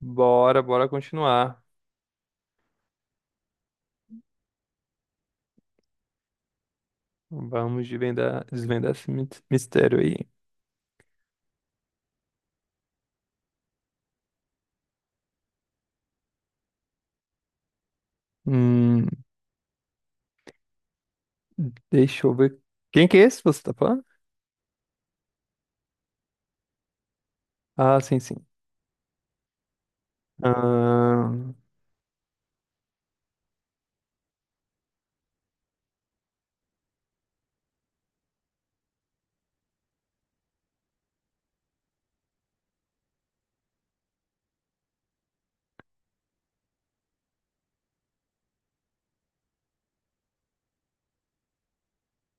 Bora, bora continuar. Vamos desvendar, desvendar esse mistério aí. Hum, deixa eu ver. Quem que é esse que você tá falando? Ah, sim, sim. Ahn,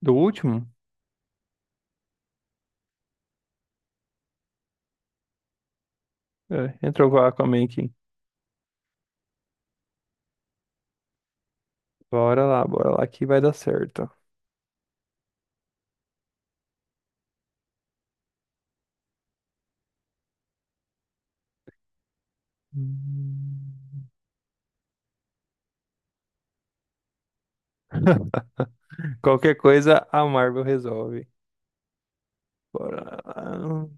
do último? É, entrou com a Aquaman aqui. Bora lá que vai dar certo. Hum. Qualquer coisa a Marvel resolve. Bora lá.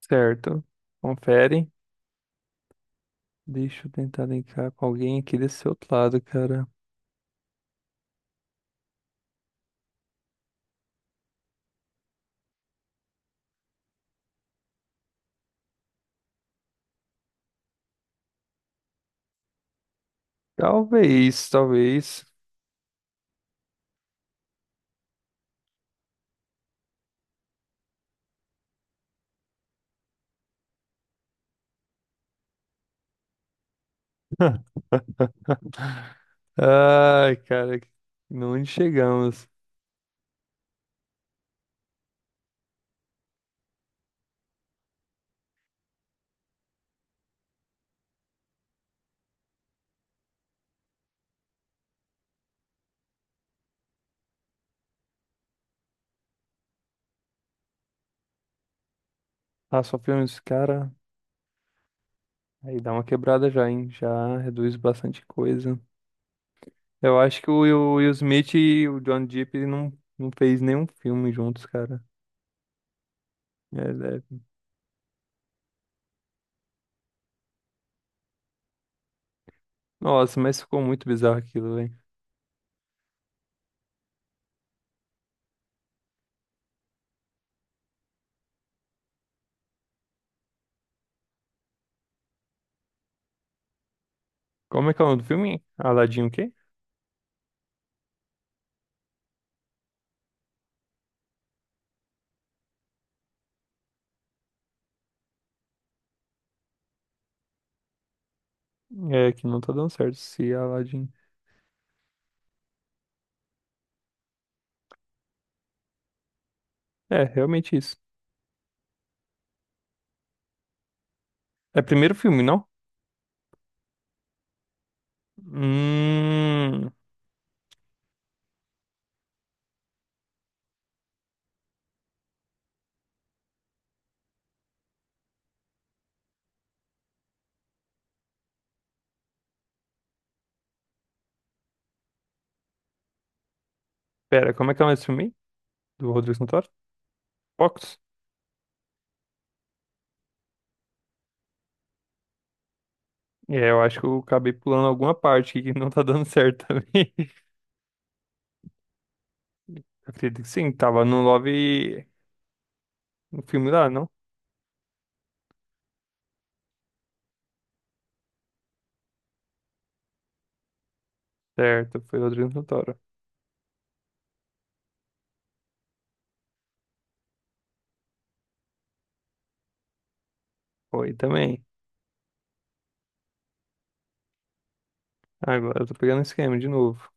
Certo. Confere. Deixa eu tentar linkar com alguém aqui desse outro lado, cara. Talvez, talvez. Ai, cara, onde chegamos? Ah, só filmes, cara, aí dá uma quebrada já, hein? Já reduz bastante coisa. Eu acho que o Will Smith e o John Depp não, não fez nenhum filme juntos, cara. É, é- Nossa, mas ficou muito bizarro aquilo, velho. Como é que é o nome do filme? Aladdin o quê? É, que não tá dando certo se Aladdin... É, realmente isso. É primeiro filme, não? Hum... Pera, como é que é o nome desse filme aí? Do Rodrigo Santoro? Fox? É, eu acho que eu acabei pulando alguma parte que não tá dando certo também. Eu acredito que sim, tava no Love, no filme lá, não? Certo, foi Rodrigo Santoro. Foi também. Agora eu tô pegando o esquema de novo.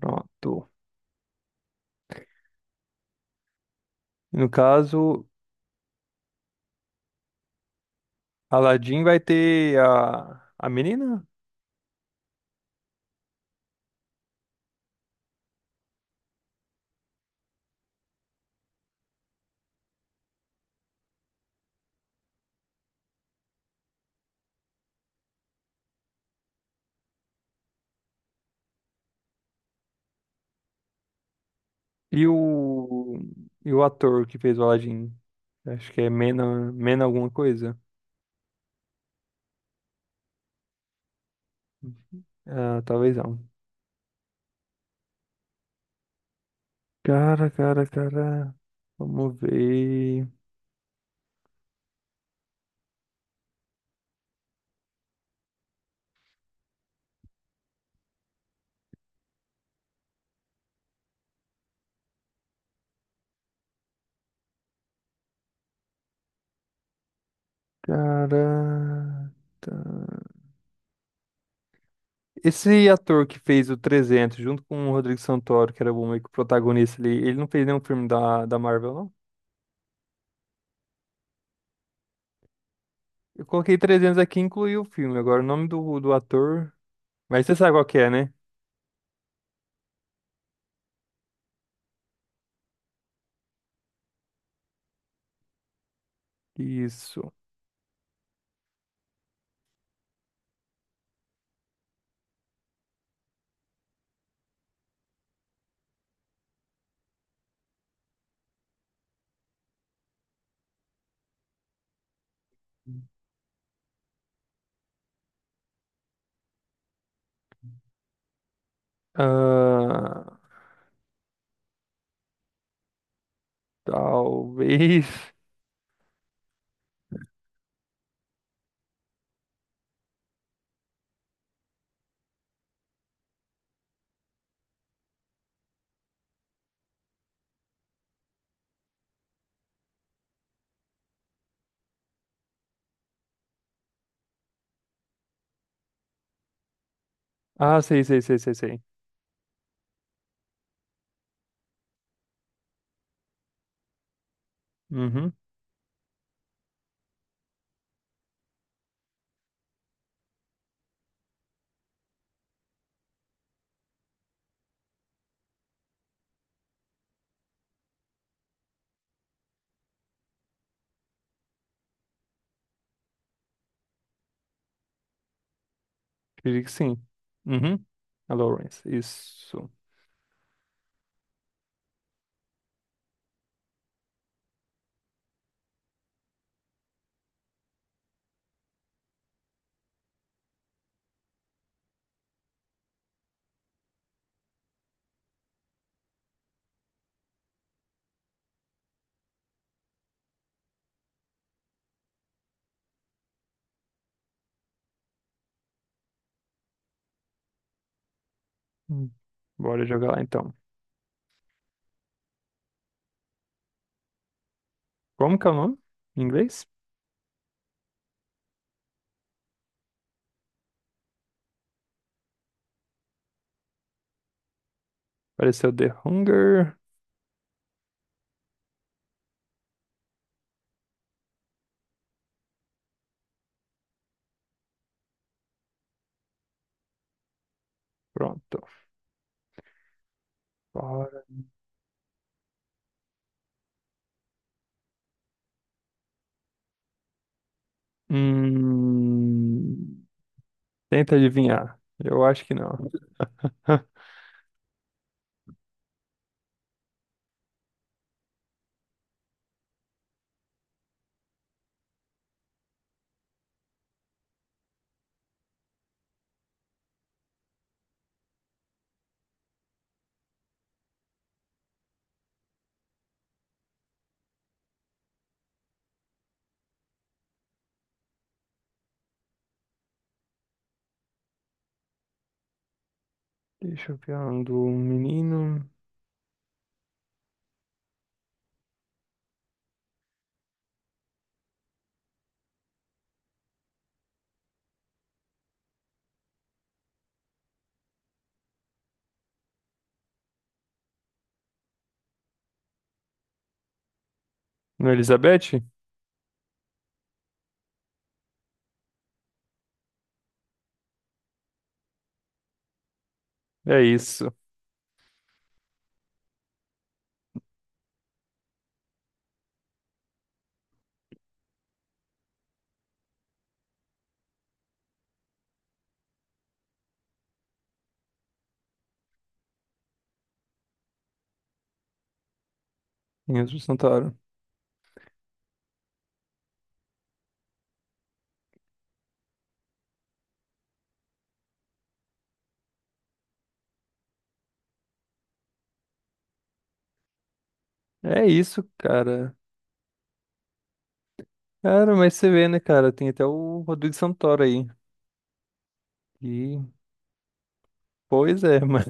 Pronto. No caso, Aladdin vai ter a menina e e o ator que fez o Aladdin. Acho que é Mena alguma coisa. Ah, talvez não. Cara, cara, cara. Vamos ver. Caraca. Esse ator que fez o 300 junto com o Rodrigo Santoro, que era o meio que o protagonista ali, ele não fez nenhum filme da Marvel, não? Eu coloquei 300 aqui e incluí o filme. Agora, o nome do ator. Mas você sabe qual que é, né? Isso. Ah, talvez. Ah, sei. Uhum. Acredito que sim. Uhum. A Lawrence. Isso. Hum. Bora jogar lá então. Como que é o nome? Em inglês? Pareceu The Hunger. Pronto. Fora. Hum, tenta adivinhar. Eu acho que não. Deixa eu ver um do menino. No Elizabeth? É isso. Meninos do Santoro. É isso, cara. Cara, mas você vê, né, cara? Tem até o Rodrigo Santoro aí. E, pois é, mas,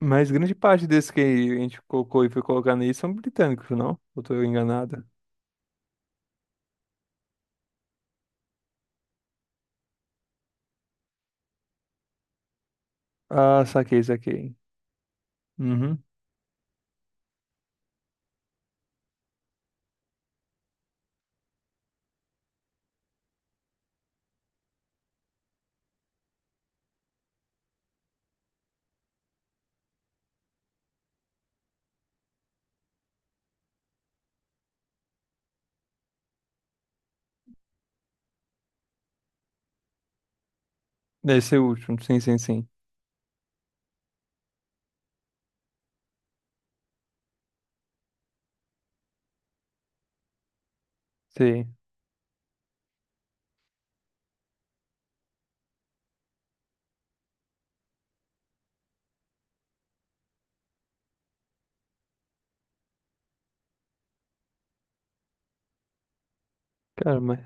mas grande parte desses que a gente colocou e foi colocar nisso são britânicos, não? Ou tô enganado? Ah, saquei, saquei. Uhum. Deve ser o último. Sim, sim, sim. Sim. Cara, mas.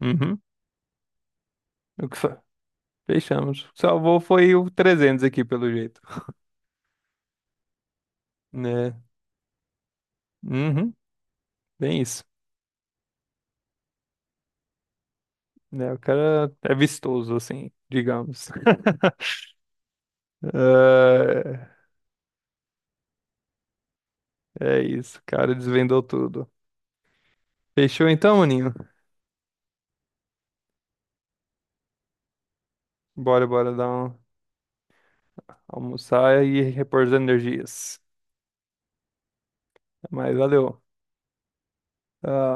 Uhum. O que fa- Fechamos. O que salvou foi o 300 aqui, pelo jeito. Né? Uhum, bem isso. Né? O cara é vistoso, assim, digamos. É, é isso, o cara desvendou tudo. Fechou então, maninho? Bora, bora dar um almoçar e repor as energias. Mas valeu. Ah,